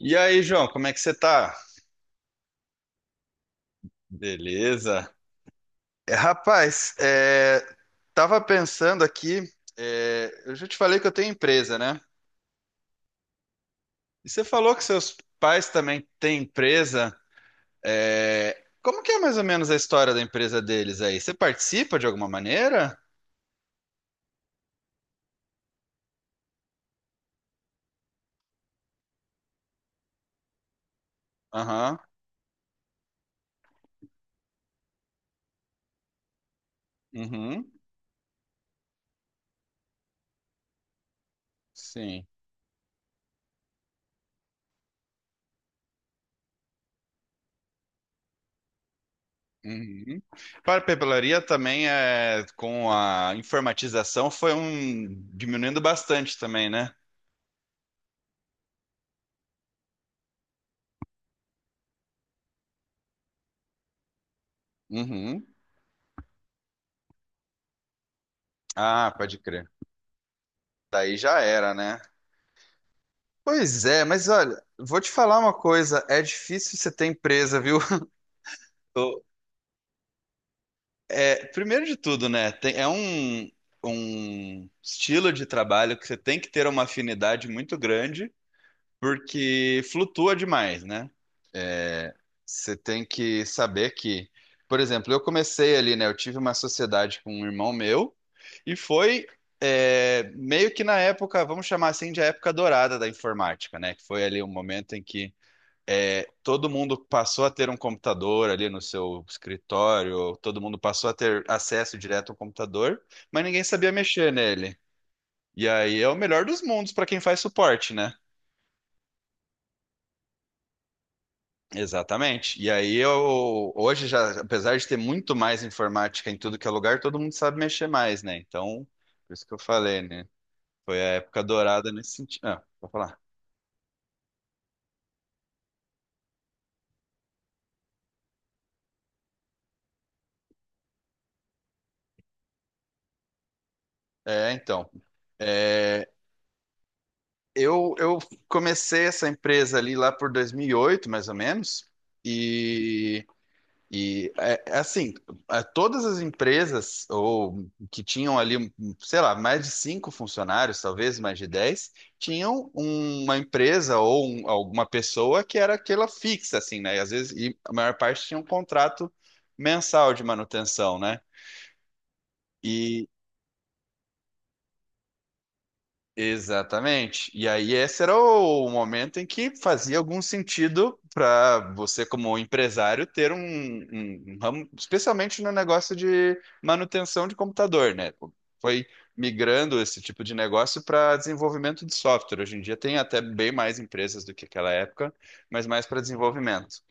E aí, João, como é que você tá? Beleza. É, rapaz, é, tava pensando aqui, eu já te falei que eu tenho empresa, né? E você falou que seus pais também têm empresa. Como que é mais ou menos a história da empresa deles aí? Você participa de alguma maneira? Aham. Uhum. Sim. Uhum. Papelaria também é com a informatização foi um diminuindo bastante também, né? Uhum. Ah, pode crer. Daí já era, né? Pois é, mas olha, vou te falar uma coisa, é difícil você ter empresa, viu? Eu- É, primeiro de tudo, né? Um estilo de trabalho que você tem que ter uma afinidade muito grande, porque flutua demais, né? Você tem que saber que, por exemplo, eu comecei ali, né? Eu tive uma sociedade com um irmão meu, e foi meio que na época, vamos chamar assim, de época dourada da informática, né? Que foi ali um momento em que todo mundo passou a ter um computador ali no seu escritório, todo mundo passou a ter acesso direto ao computador, mas ninguém sabia mexer nele. E aí é o melhor dos mundos para quem faz suporte, né? Exatamente. E aí eu hoje já, apesar de ter muito mais informática em tudo que é lugar, todo mundo sabe mexer mais, né? Então, por isso que eu falei, né? Foi a época dourada nesse sentido. Ah, vou falar. É, então. É, eu comecei essa empresa ali lá por 2008, mais ou menos, e, é, é assim, é, todas as empresas ou que tinham ali, um, sei lá, mais de cinco funcionários, talvez mais de dez, tinham uma empresa ou alguma pessoa que era aquela fixa, assim, né? E às vezes, e a maior parte tinha um contrato mensal de manutenção, né? Exatamente. E aí esse era o momento em que fazia algum sentido para você, como empresário, ter um ramo, especialmente no negócio de manutenção de computador, né? Foi migrando esse tipo de negócio para desenvolvimento de software. Hoje em dia tem até bem mais empresas do que aquela época, mas mais para desenvolvimento.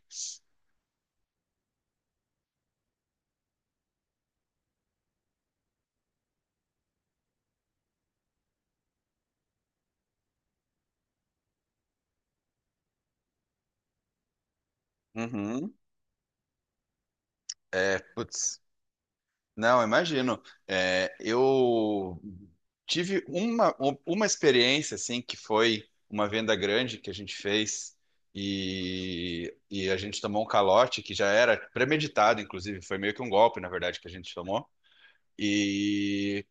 Uhum. É, putz. Não, imagino. É, eu tive uma experiência assim que foi uma venda grande que a gente fez a gente tomou um calote que já era premeditado, inclusive foi meio que um golpe, na verdade, que a gente tomou. E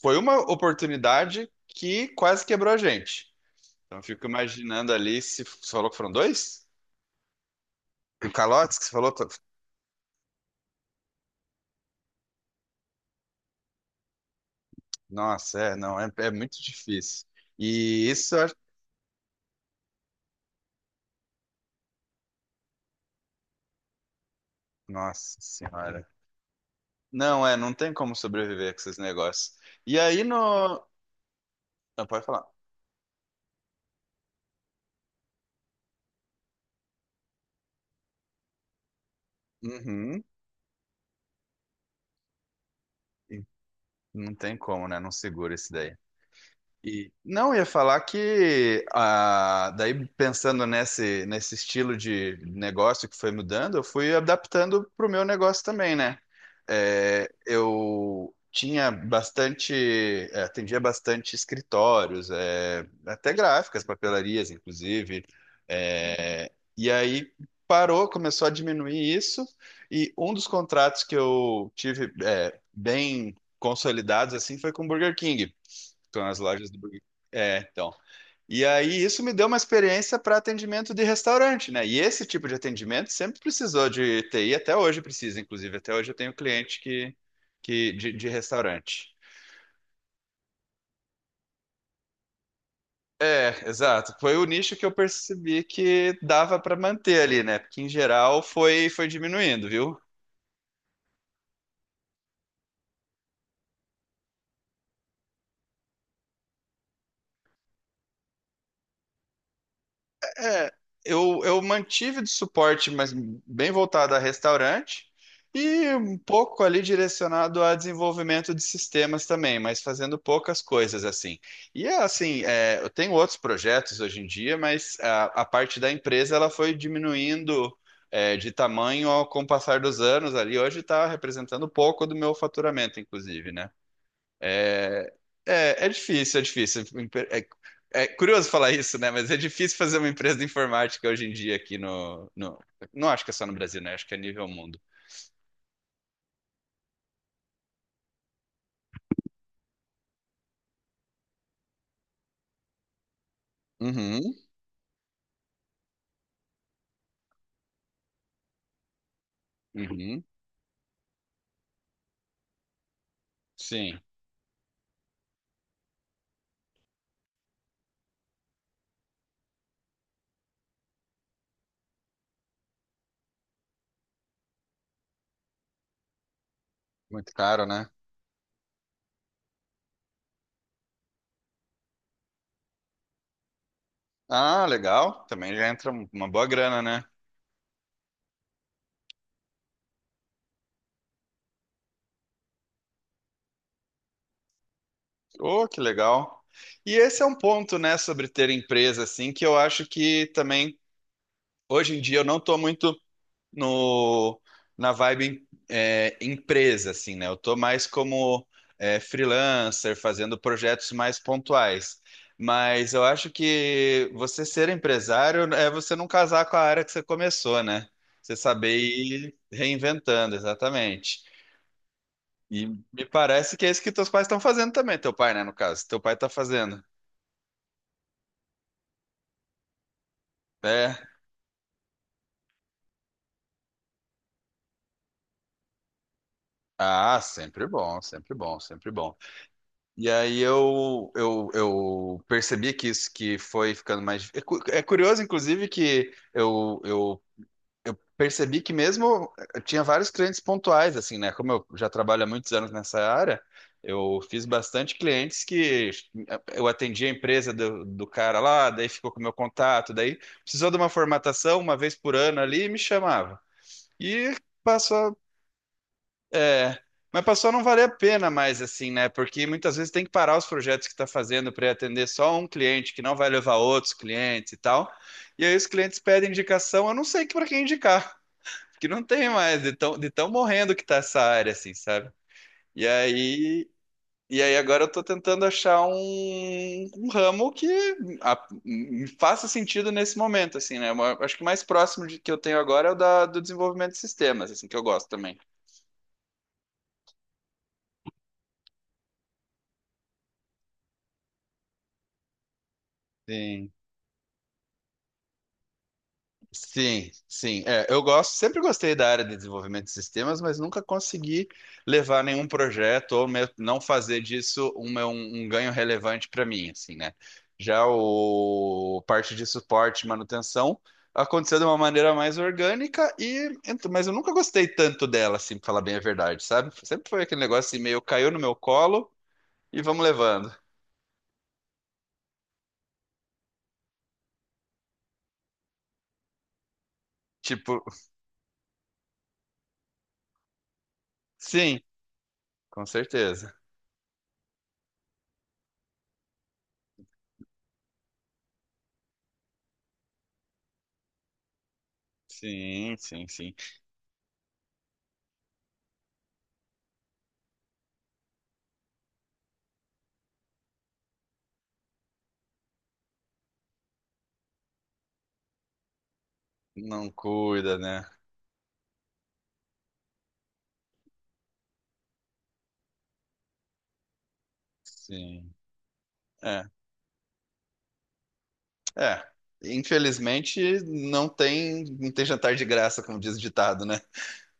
foi uma oportunidade que quase quebrou a gente. Então eu fico imaginando ali se você falou que foram dois? O calote que você falou, nossa, é, não, é muito difícil. E isso, eu acho- Nossa senhora. Não, é, não tem como sobreviver com esses negócios. E aí no. Não, pode falar. Uhum. E não tem como, né? Não segura isso daí. E, não, ia falar que ah, daí pensando nesse estilo de negócio que foi mudando, eu fui adaptando para o meu negócio também, né? É, eu tinha bastante, é, atendia bastante escritórios, é, até gráficas, papelarias, inclusive. É, e aí parou, começou a diminuir isso, e um dos contratos que eu tive é, bem consolidados assim foi com o Burger King. Estão nas lojas do Burger King. É, então. E aí isso me deu uma experiência para atendimento de restaurante, né? E esse tipo de atendimento sempre precisou de TI, até hoje precisa, inclusive. Até hoje eu tenho cliente que, de restaurante. É, exato. Foi o nicho que eu percebi que dava para manter ali, né? Porque em geral foi, foi diminuindo, viu? É, eu mantive de suporte, mas bem voltado a restaurante e um pouco ali direcionado a desenvolvimento de sistemas também, mas fazendo poucas coisas assim. E é assim, é, eu tenho outros projetos hoje em dia, mas a parte da empresa ela foi diminuindo é, de tamanho ao, com o passar dos anos ali. Hoje está representando pouco do meu faturamento, inclusive, né? É, é difícil, é difícil. É, é curioso falar isso, né? Mas é difícil fazer uma empresa de informática hoje em dia aqui no... Não acho que é só no Brasil, né? Acho que é nível mundo. Uhum, uhum. Sim, muito caro, né? Ah, legal. Também já entra uma boa grana, né? Oh, que legal. E esse é um ponto, né, sobre ter empresa, assim, que eu acho que também, hoje em dia, eu não tô muito. No, na vibe é, empresa, assim, né? Eu tô mais como é, freelancer, fazendo projetos mais pontuais. Mas eu acho que você ser empresário é você não casar com a área que você começou, né? Você saber ir reinventando, exatamente. E me parece que é isso que teus pais estão fazendo também, teu pai, né, no caso. Teu pai tá fazendo. É. Ah, sempre bom, sempre bom, sempre bom. E aí eu percebi que isso que foi ficando mais. É curioso, inclusive, que eu percebi que mesmo eu tinha vários clientes pontuais, assim, né? Como eu já trabalho há muitos anos nessa área, eu fiz bastante clientes que eh, eu atendi a empresa do cara lá, daí ficou com o meu contato, daí precisou de uma formatação uma vez por ano ali e me chamava. E passou, é, mas passou a não valer a pena mais, assim, né? Porque muitas vezes tem que parar os projetos que está fazendo para atender só um cliente, que não vai levar outros clientes e tal. E aí os clientes pedem indicação, eu não sei para quem indicar, que não tem mais, de tão morrendo que tá essa área, assim, sabe? E aí, e aí agora eu tô tentando achar um, um ramo que me faça sentido nesse momento, assim, né? Eu acho que o mais próximo de, que eu tenho agora é do desenvolvimento de sistemas, assim, que eu gosto também. Sim. Sim, sim. É, eu gosto, sempre gostei da área de desenvolvimento de sistemas, mas nunca consegui levar nenhum projeto ou mesmo não fazer disso um, um ganho relevante para mim, assim, né? Já o parte de suporte e manutenção aconteceu de uma maneira mais orgânica mas eu nunca gostei tanto dela, assim, para falar bem a verdade, sabe? Sempre foi aquele negócio assim, meio caiu no meu colo e vamos levando. Tipo, sim, com certeza. Sim, sim, sim. Não cuida, né? Sim. É, é. Infelizmente, não tem, não tem jantar de graça, como diz o ditado, né?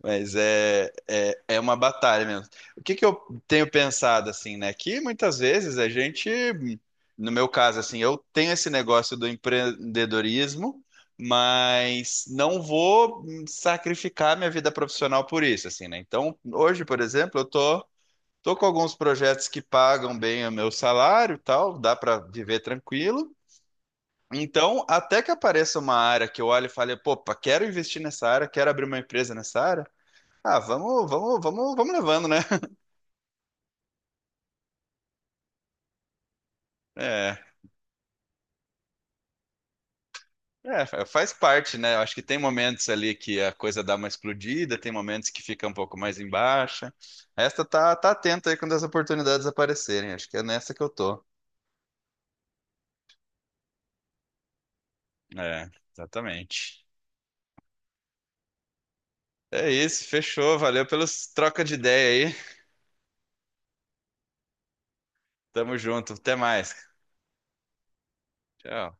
Mas é uma batalha mesmo. O que que eu tenho pensado, assim, né? Que muitas vezes a gente, no meu caso, assim, eu tenho esse negócio do empreendedorismo, mas não vou sacrificar minha vida profissional por isso, assim, né? Então, hoje, por exemplo, tô com alguns projetos que pagam bem o meu salário e tal, dá para viver tranquilo. Então, até que apareça uma área que eu olhe e fale, pô, pá, quero investir nessa área, quero abrir uma empresa nessa área. Ah, vamos, vamos, vamos, vamos levando, né? É, Faz parte, né? Eu acho que tem momentos ali que a coisa dá uma explodida, tem momentos que fica um pouco mais em baixa. Tá atento aí quando as oportunidades aparecerem. Acho que é nessa que eu tô. É, exatamente. É isso, fechou. Valeu pelas trocas de ideia aí. Tamo junto. Até mais. Tchau.